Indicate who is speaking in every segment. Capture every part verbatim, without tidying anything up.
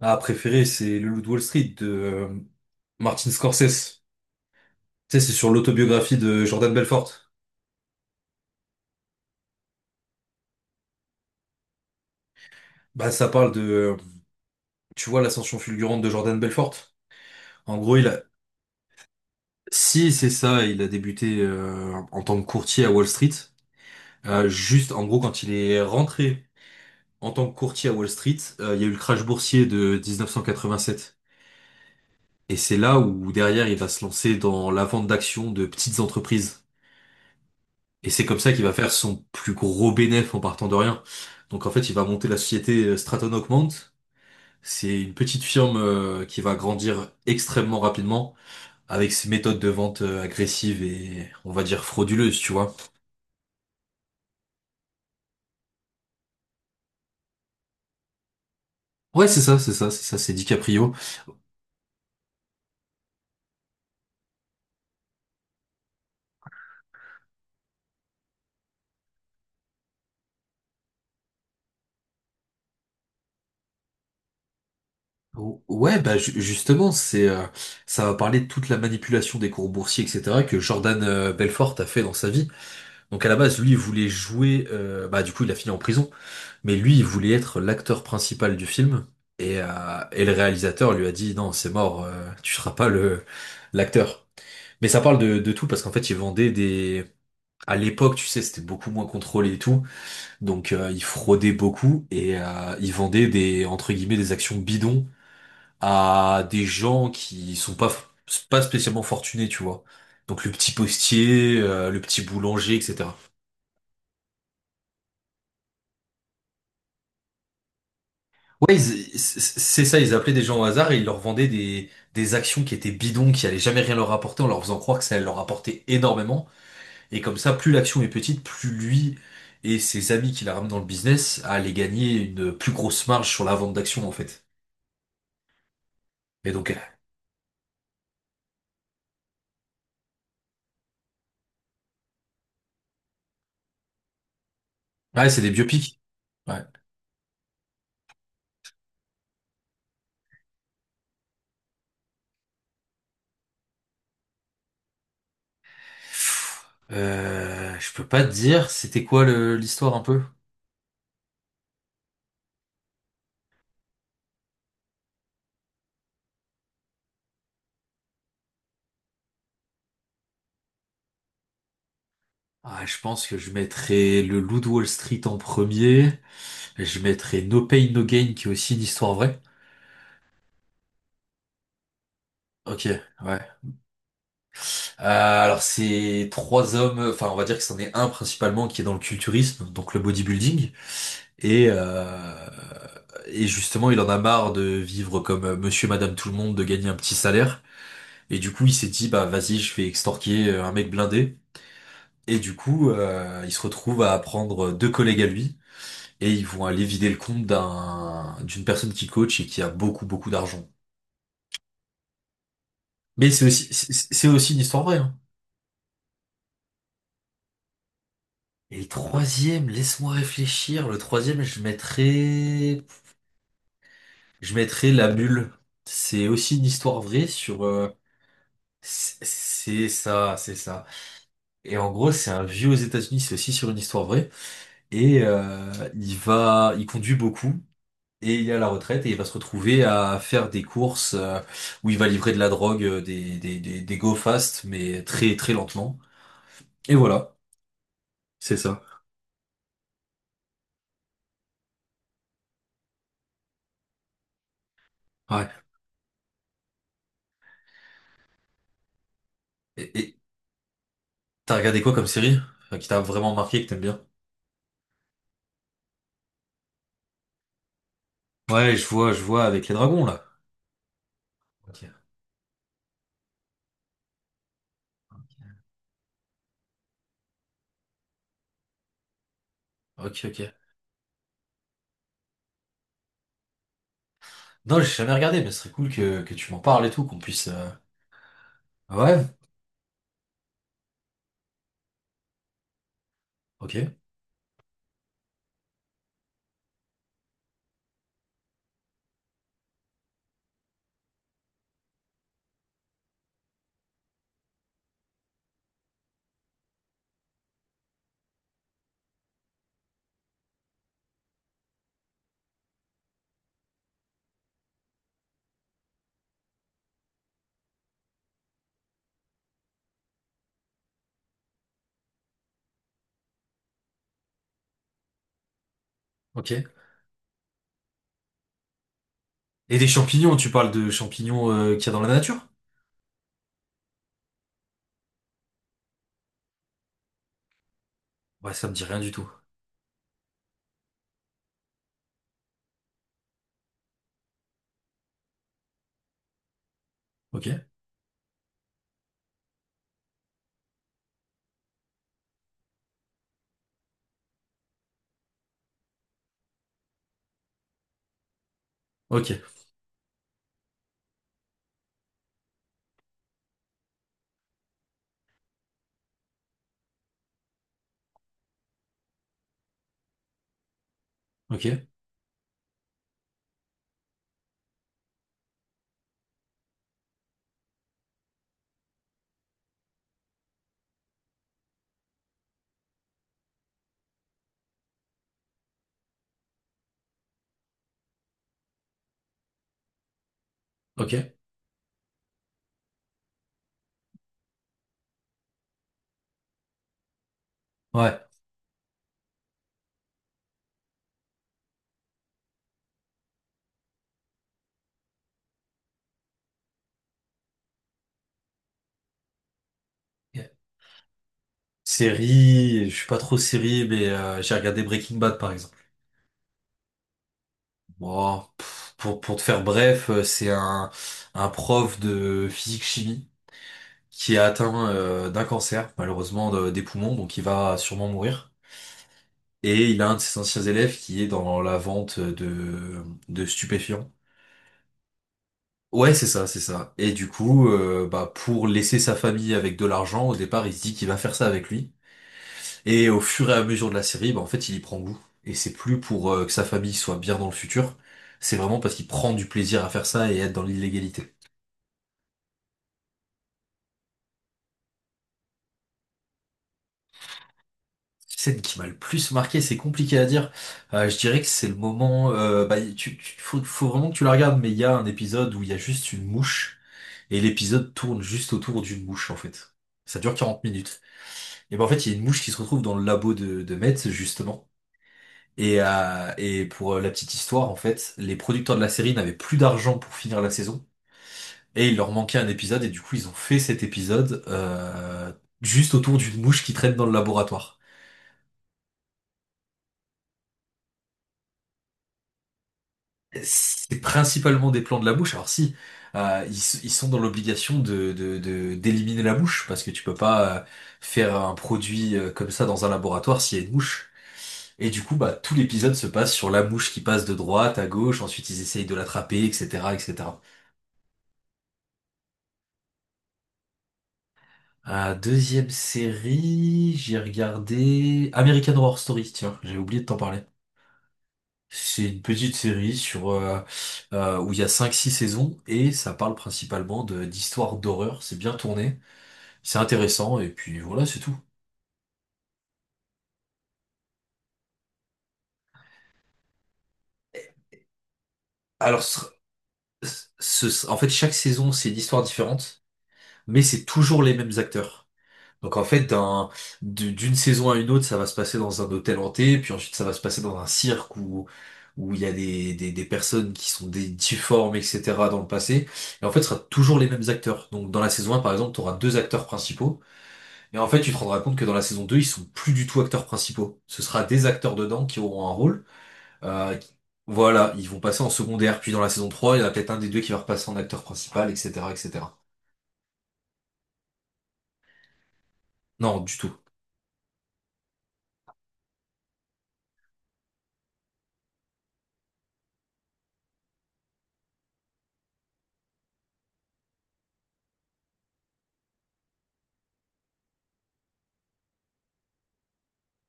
Speaker 1: Ah, préféré, c'est Le Loup de Wall Street de euh, Martin Scorsese. Tu sais, c'est sur l'autobiographie de Jordan Belfort. Bah, ça parle de, euh, tu vois, l'ascension fulgurante de Jordan Belfort. En gros, il a, si c'est ça, il a débuté euh, en tant que courtier à Wall Street. Euh, juste, en gros, quand il est rentré en tant que courtier à Wall Street, euh, il y a eu le crash boursier de mille neuf cent quatre-vingt-sept. Et c'est là où derrière, il va se lancer dans la vente d'actions de petites entreprises. Et c'est comme ça qu'il va faire son plus gros bénéfice en partant de rien. Donc en fait, il va monter la société euh, Stratton Augment. C'est une petite firme euh, qui va grandir extrêmement rapidement avec ses méthodes de vente euh, agressives et on va dire frauduleuses, tu vois. Ouais, c'est ça, c'est ça, c'est ça, c'est DiCaprio. Ou- Ouais, bah ju- justement, c'est euh, ça va parler de toute la manipulation des cours boursiers, et cetera que Jordan euh, Belfort a fait dans sa vie. Donc à la base, lui, il voulait jouer. Euh, bah du coup, il a fini en prison. Mais lui, il voulait être l'acteur principal du film. Et, euh, et le réalisateur lui a dit, non, c'est mort, euh, tu seras pas le l'acteur. Mais ça parle de, de tout parce qu'en fait, il vendait des... À l'époque, tu sais, c'était beaucoup moins contrôlé et tout. Donc, euh, il fraudait beaucoup et euh, il vendait des, entre guillemets, des actions bidons à des gens qui sont pas, pas spécialement fortunés, tu vois. Donc, le petit postier, euh, le petit boulanger, et cetera. Ouais, ils- c'est c'est ça, ils appelaient des gens au hasard et ils leur vendaient des, des actions qui étaient bidons, qui allaient jamais rien leur apporter, en leur faisant croire que ça allait leur apporter énormément. Et comme ça, plus l'action est petite, plus lui et ses amis qui la ramènent dans le business allaient gagner une plus grosse marge sur la vente d'actions, en fait. Et donc, euh, ouais, c'est des biopics. Ouais. Euh, je peux pas te dire, c'était quoi le- l'histoire un peu? Ah, je pense que je mettrais le Loup de Wall Street en premier. Je mettrais No Pain No Gain, qui est aussi une histoire vraie. Ok, ouais. Euh, alors c'est trois hommes, enfin on va dire que c'en est un principalement qui est dans le culturisme, donc le bodybuilding, et euh, et justement il en a marre de vivre comme euh, monsieur, madame tout le monde, de gagner un petit salaire, et du coup il s'est dit bah vas-y je vais extorquer euh, un mec blindé, et du coup euh, il se retrouve à prendre deux collègues à lui, et ils vont aller vider le compte d'un d'une personne qui coach et qui a beaucoup beaucoup d'argent. Mais c'est aussi c'est c'est aussi une histoire vraie, hein. Et le troisième, laisse-moi réfléchir. Le troisième, je mettrais, je mettrais La Bulle. C'est aussi une histoire vraie sur, euh, c'est c'est ça, c'est ça. Et en gros, c'est un vieux aux États-Unis, c'est aussi sur une histoire vraie. Et euh, il va, il conduit beaucoup. Et il est à la retraite et il va se retrouver à faire des courses euh, où il va livrer de la drogue, euh, des, des, des, des go fast, mais très très lentement. Et voilà, c'est ça. Ouais. Et et t'as regardé quoi comme série, euh, qui t'a vraiment marqué, que t'aimes bien? Ouais, je vois, je vois avec les dragons là. Ok, ok, ok. Non, j'ai jamais regardé, mais ce serait cool que, que tu m'en parles et tout, qu'on puisse. Euh, ah ouais, ok, ok. Et des champignons, tu parles de champignons euh, qu'il y a dans la nature? Ouais, ça me dit rien du tout. Ok, ok, ok, ok. Ouais. Ok. Série, je suis pas trop série, mais euh, j'ai regardé Breaking Bad par exemple. Bon, pff, pour, pour te faire bref, euh, c'est un, un prof de physique-chimie qui est atteint euh, d'un cancer, malheureusement de- des poumons, donc il va sûrement mourir. Et il a un de ses anciens élèves qui est dans la vente de, de stupéfiants. Ouais, c'est ça, c'est ça. Et du coup, euh, bah, pour laisser sa famille avec de l'argent, au départ, il se dit qu'il va faire ça avec lui. Et au fur et à mesure de la série, bah, en fait, il y prend goût. Et c'est plus pour euh, que sa famille soit bien dans le futur. C'est vraiment parce qu'il prend du plaisir à faire ça et être dans l'illégalité. Scène qui m'a le plus marqué, c'est compliqué à dire. Euh, je dirais que c'est le moment. Euh, bah, tu, tu- faut, faut vraiment que tu la regardes, mais il y a un épisode où il y a juste une mouche. Et l'épisode tourne juste autour d'une mouche, en fait. Ça dure quarante minutes. Et ben en fait, il y a une mouche qui se retrouve dans le labo de, de Metz, justement. Et, euh, et pour euh, la petite histoire, en fait, les producteurs de la série n'avaient plus d'argent pour finir la saison. Et il leur manquait un épisode, et du coup, ils ont fait cet épisode euh, juste autour d'une mouche qui traîne dans le laboratoire. C'est principalement des plans de la mouche. Alors si, euh, ils, s- ils sont dans l'obligation de, de, de- d'éliminer la mouche, parce que tu peux pas euh, faire un produit euh, comme ça dans un laboratoire s'il y a une mouche. Et du coup, bah, tout l'épisode se passe sur la mouche qui passe de droite à gauche, ensuite ils essayent de l'attraper, et cetera, et cetera. Euh, deuxième série, j'ai regardé American Horror Story, tiens, j'ai oublié de t'en parler. C'est une petite série sur euh, euh, où il y a cinq, six saisons et ça parle principalement de d'histoires d'horreur, c'est bien tourné, c'est intéressant et puis voilà, c'est tout. Alors, ce- ce- en fait, chaque saison, c'est une histoire différente, mais c'est toujours les mêmes acteurs. Donc en fait, d'un, d- d'une saison à une autre, ça va se passer dans un hôtel hanté, puis ensuite ça va se passer dans un cirque où où il y a des, des, des personnes qui sont des difformes, et cetera dans le passé. Et en fait, ce sera toujours les mêmes acteurs. Donc dans la saison un, par exemple, tu auras deux acteurs principaux. Et en fait, tu te rendras compte que dans la saison deux, ils sont plus du tout acteurs principaux. Ce sera des acteurs dedans qui auront un rôle. Euh, qui- voilà, ils vont passer en secondaire. Puis dans la saison trois, il y en a peut-être un des deux qui va repasser en acteur principal, et cetera, et cetera. Non, du tout.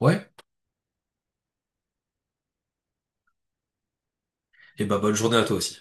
Speaker 1: Ouais. Et bah bonne journée à toi aussi.